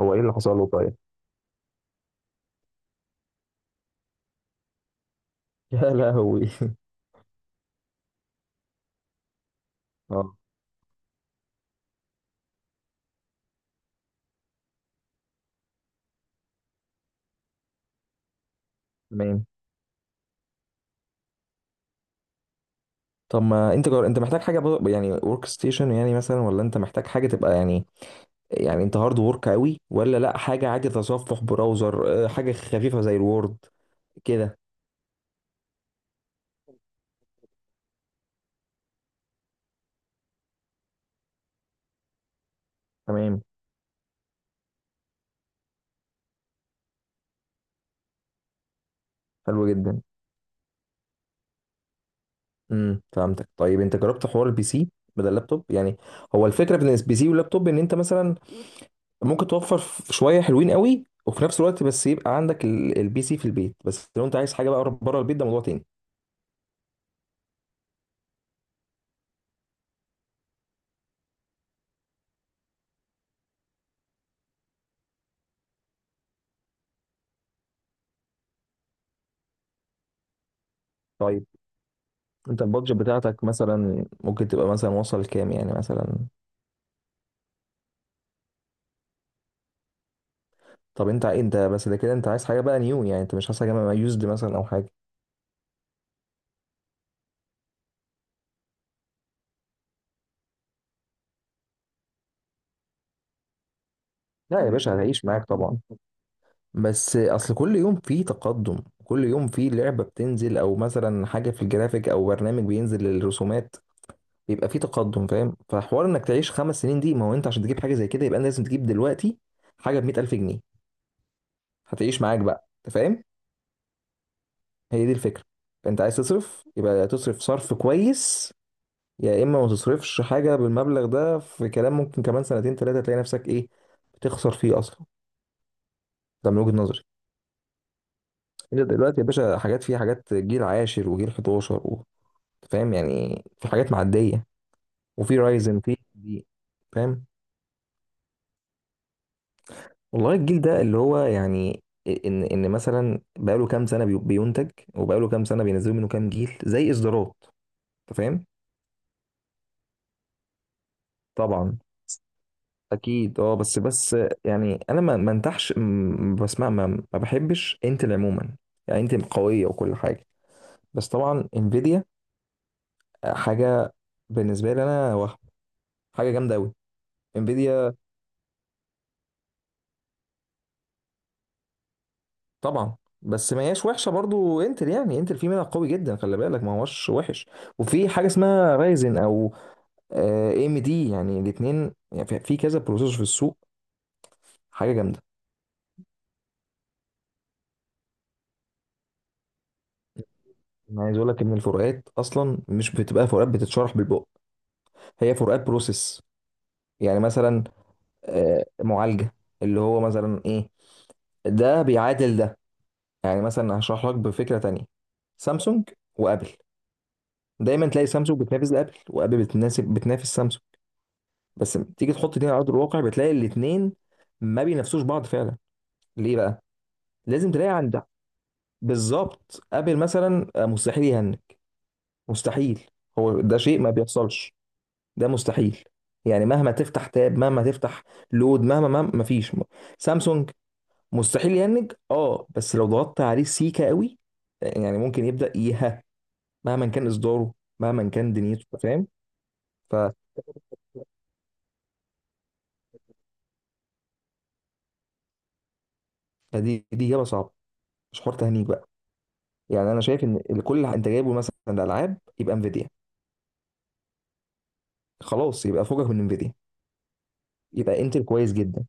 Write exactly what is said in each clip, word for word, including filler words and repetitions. هو ايه اللي حصل له؟ طيب. يا لهوي. اه، تمام. طب ما انت جر... انت محتاج حاجه بر- يعني ورك ستيشن يعني مثلا، ولا انت محتاج حاجه تبقى يعني، يعني انت هارد ورك قوي؟ ولا لا، حاجه عادي، تصفح براوزر، آه، حاجه خفيفه زي الوورد كده. تمام، حلو جدا. امم فهمتك. طيب انت جربت حوار البي سي بدل اللابتوب يعني؟ هو الفكره بين البي سي واللابتوب ان انت مثلا ممكن توفر ف- شويه حلوين قوي، وفي نفس الوقت بس يبقى عندك ال- البي سي في البيت، بس لو انت عايز حاجه بقى بره البيت ده موضوع تاني. انت البادجت بتاعتك مثلا ممكن تبقى مثلا وصل كام يعني مثلا؟ طب انت ايه، انت بس ده كده انت عايز حاجه بقى نيو يعني، انت مش عايز حاجه يوزد مثلا او حاجه؟ لا يا باشا، هتعيش معاك طبعا، بس اصل كل يوم فيه تقدم. كل يوم فيه لعبه بتنزل، او مثلا حاجه في الجرافيك، او برنامج بينزل للرسومات. بيبقى فيه تقدم، فاهم؟ فحوار انك تعيش خمس سنين دي، ما هو انت عشان تجيب حاجه زي كده يبقى انت لازم تجيب دلوقتي حاجه ب مية ألف جنيه. هتعيش معاك بقى، انت فاهم. هي دي الفكره. انت عايز تصرف يبقى تصرف صرف كويس، يا اما ما تصرفش حاجه بالمبلغ ده في كلام، ممكن كمان سنتين ثلاثه تلاقي نفسك ايه، بتخسر فيه اصلا. ده من وجهه نظري. انت دلوقتي يا باشا حاجات فيها حاجات جيل عاشر، وجيل حداشر و... فاهم؟ يعني في حاجات معديه، وفي رايزن في دي، فاهم؟ والله الجيل ده اللي هو يعني ان ان مثلا بقاله كام سنه بي- بينتج، وبقاله كام سنه بينزلوا منه كام جيل زي اصدارات. انت فاهم؟ طبعا، اكيد. اه بس بس، يعني انا ما ما انتحش م- بسمع ما, ما بحبش انتل عموما. يعني انتل قويه وكل حاجه، بس طبعا انفيديا حاجه بالنسبه لي انا، وهم حاجه جامده قوي. انفيديا طبعا. بس ما هياش وحشه برضو انتل، يعني انتل في منها قوي جدا، خلي بالك، ما هوش وحش. وفي حاجه اسمها رايزن او ام دي، يعني الاثنين يعني في في كذا بروسيسور في السوق، حاجه جامده. انا عايز اقول لك ان الفروقات اصلا مش بتبقى فروقات بتتشرح بالبق، هي فروقات بروسيس يعني، مثلا آه، معالجة. اللي هو مثلا ايه، ده بيعادل ده. يعني مثلا هشرح لك بفكرة تانية، سامسونج وابل. دايما تلاقي سامسونج بتنافس ابل، وابل بتناسب بتنافس سامسونج، بس لما تيجي تحط دي على ارض الواقع بتلاقي الاتنين ما بينافسوش بعض فعلا. ليه بقى؟ لازم تلاقي عند، بالظبط. ابل مثلا آه، مستحيل يهنج، مستحيل. هو ده شيء ما بيحصلش، ده مستحيل. يعني مهما تفتح تاب، مهما تفتح لود، مهما مهما مفيش. سامسونج مستحيل يهنج، اه، بس لو ضغطت عليه سيكا قوي يعني ممكن يبدا يها، مهما كان اصداره، مهما كان دنيته، فاهم؟ ف- فدي دي اجابه صعبه، مش حوار تهنيج بقى. يعني انا شايف ان اللي كل اللي انت جايبه مثلا العاب يبقى انفيديا. خلاص، يبقى فوقك من انفيديا، يبقى انتل كويس جدا.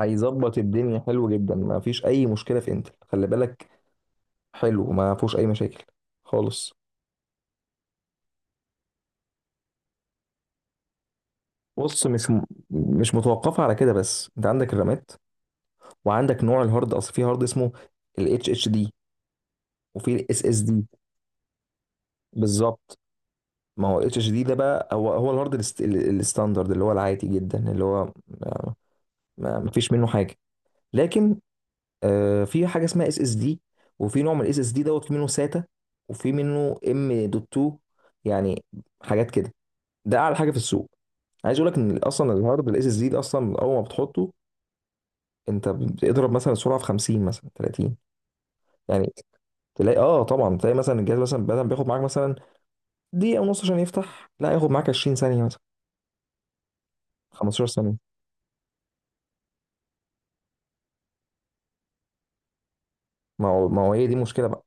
هيظبط الدنيا حلو جدا، ما فيش اي مشكله في انتل، خلي بالك، حلو ما فيهوش اي مشاكل خالص. بص مش م... مش متوقفه على كده بس، انت عندك الرامات، وعندك نوع الهارد، اصل في هارد اسمه ال H D D، وفي الاس اس دي. بالظبط، ما هو اتش دي ده بقى هو هو الهارد الست- ال- الستاندرد اللي هو العادي جدا، اللي هو ما ما فيش منه حاجه. لكن آه، في حاجه اسمها اس اس دي، وفي نوع من الاس اس دي دوت، في منه ساتا، وفي منه ام دوت اتنين، يعني حاجات كده. ده اعلى حاجه في السوق. عايز اقول لك ان اصلا الهارد الاس اس دي ده، اصلا اول ما بتحطه انت بتضرب مثلا سرعه في خمسين مثلا ثلاثين. يعني تلاقي، اه طبعا، تلاقي مثلا الجهاز مثلا بدل ما بياخد معاك مثلا دقيقه ونص عشان يفتح، لا ياخد معاك عشرين ثانية ثانيه، 15 ثانية. ما هو ما هو هي دي المشكلة بقى.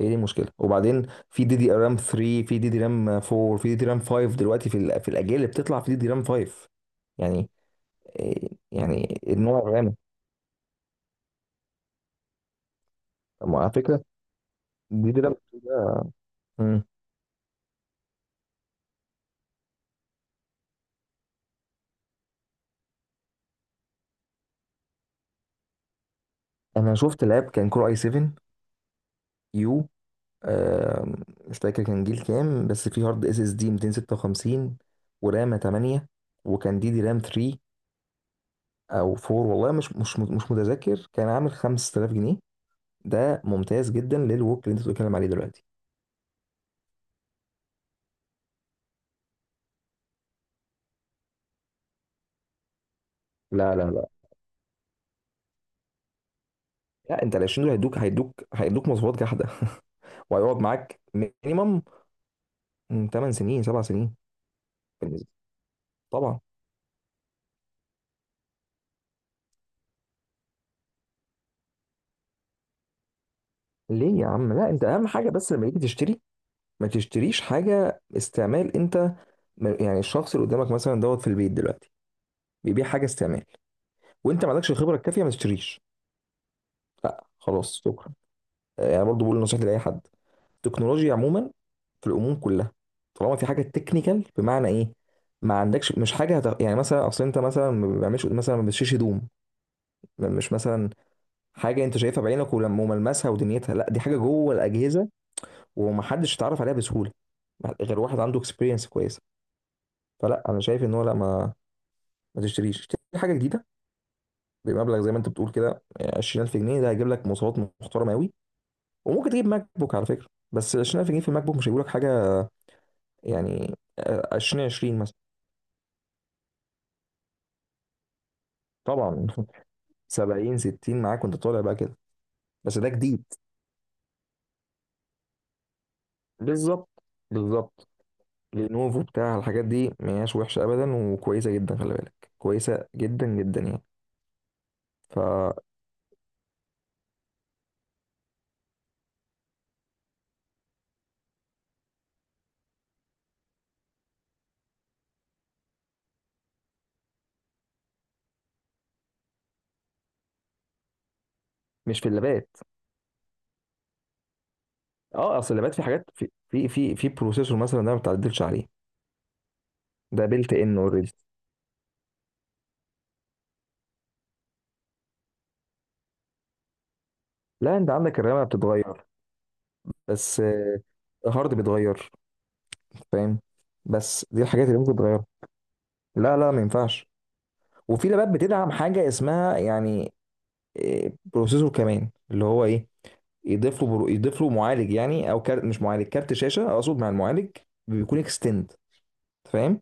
هي دي المشكلة. وبعدين في دي دي رام تلاتة، في دي دي رام اربعة، في دي دي رام خمسة دلوقتي، في ال- في الأجيال اللي بتطلع في دي دي رام خمسة يعني. إيه- يعني النوع الرام. طب ما على فكرة دي دي رام ده. مم. أنا شفت لاب كان كور اي سبعة يو، آم، مش فاكر كان جيل كام، بس في هارد اس اس دي ميتين وستة وخمسين، ورامة تمنية، وكان دي دي رام تلاتة او أربعة، والله مش مش مش متذكر، كان عامل خمس تلاف جنيه. ده ممتاز جدا للوك اللي انت بتتكلم عليه دلوقتي. لا لا لا، لا، انت ال عشرين دول هيدوك هيدوك هيدوك مواصفات جحده وهيقعد معاك مينيمم 8 سنين، 7 سنين بالنسبه، طبعا. ليه يا عم؟ لا، انت اهم حاجه، بس لما تيجي تشتري ما تشتريش حاجه استعمال. انت م- يعني الشخص اللي قدامك مثلا دوت في البيت دلوقتي بيبيع حاجه استعمال، وانت ما عندكش الخبره الكافيه، ما تشتريش. خلاص، شكرا. آه، انا برضو بقول نصيحتي لاي حد: التكنولوجيا عموما في الامور كلها، طالما في حاجه تكنيكال. بمعنى ايه؟ ما عندكش، مش حاجه هت... يعني مثلا اصل انت مثلا ما بيعملش، مثلا ما بتشيش هدوم، مش مثلا حاجه انت شايفها بعينك ولما وملمسها ودنيتها، لا دي حاجه جوه الاجهزه، ومحدش يتعرف عليها بسهوله غير واحد عنده اكسبيرينس كويسه. فلا، انا شايف ان هو لا، ما ما تشتريش، اشتري حاجه جديده بمبلغ زي ما انت بتقول كده، عشرين ألف جنيه ده هيجيب لك مواصفات محترمه قوي. وممكن تجيب ماك بوك على فكره، بس عشرين ألف جنيه في الماك بوك مش هيجيب لك حاجه، يعني آه، ألفين وعشرين مثلا. طبعا سبعين، ستين معاك وانت طالع بقى كده. بس ده جديد، بالظبط، بالظبط. لينوفو بتاع الحاجات دي ما هياش وحشه ابدا، وكويسه جدا، خلي بالك، كويسه جدا جدا يعني. فمش، في اللابات. اه اصل اللابات في حاجات، في في في, في بروسيسور مثلا ده ما بتعدلش عليه، ده بيلت ان اوريدي. لا، انت عندك الرامه بتتغير، بس آه، الهارد بيتغير، فاهم؟ بس دي الحاجات اللي ممكن تتغير. لا لا، ما ينفعش. وفي لابات بتدعم حاجه اسمها يعني إيه، بروسيسور كمان، اللي هو ايه، يضيف له برو... يضيف له معالج يعني، او كارت، مش معالج، كارت شاشه اقصد، مع المعالج بيكون اكستند، فاهم؟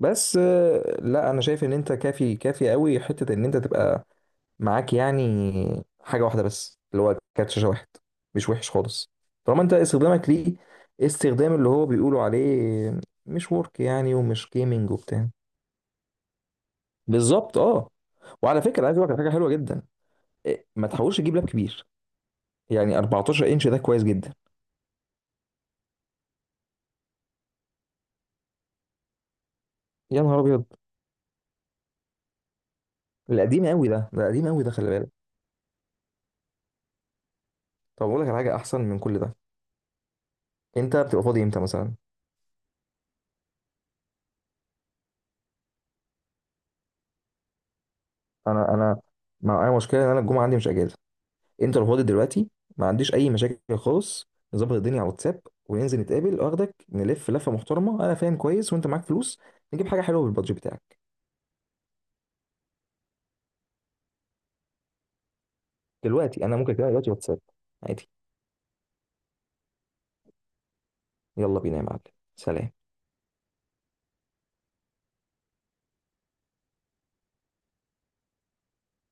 بس آه، لا انا شايف ان انت كافي كافي قوي حته ان انت تبقى معاك يعني حاجه واحده بس اللي هو كارت شاشه واحد، مش وحش خالص، طالما انت استخدامك ليه استخدام اللي هو بيقولوا عليه مش ورك يعني، ومش جيمنج وبتاع. بالظبط، اه. وعلى فكره عايز اقول لك على حاجه حلوه جدا، إيه، ما تحاولش تجيب لاب كبير، يعني أربعة عشر انش ده كويس جدا. يا نهار ابيض، القديم قوي ده، ده قديم قوي ده، خلي بالك. طب اقول لك على حاجه احسن من كل ده. انت بتبقى فاضي امتى مثلا؟ انا انا معايا مشكله ان انا الجمعه عندي مش اجازه، انت لو فاضي دلوقتي ما عنديش اي مشاكل خالص، نظبط الدنيا على الواتساب وننزل نتقابل، واخدك نلف لفه محترمه، انا فاهم كويس، وانت معاك فلوس نجيب حاجه حلوه بالبادجت بتاعك. دلوقتي انا ممكن، كده دلوقتي واتساب عادي. يلا بينا يا معلم، سلام.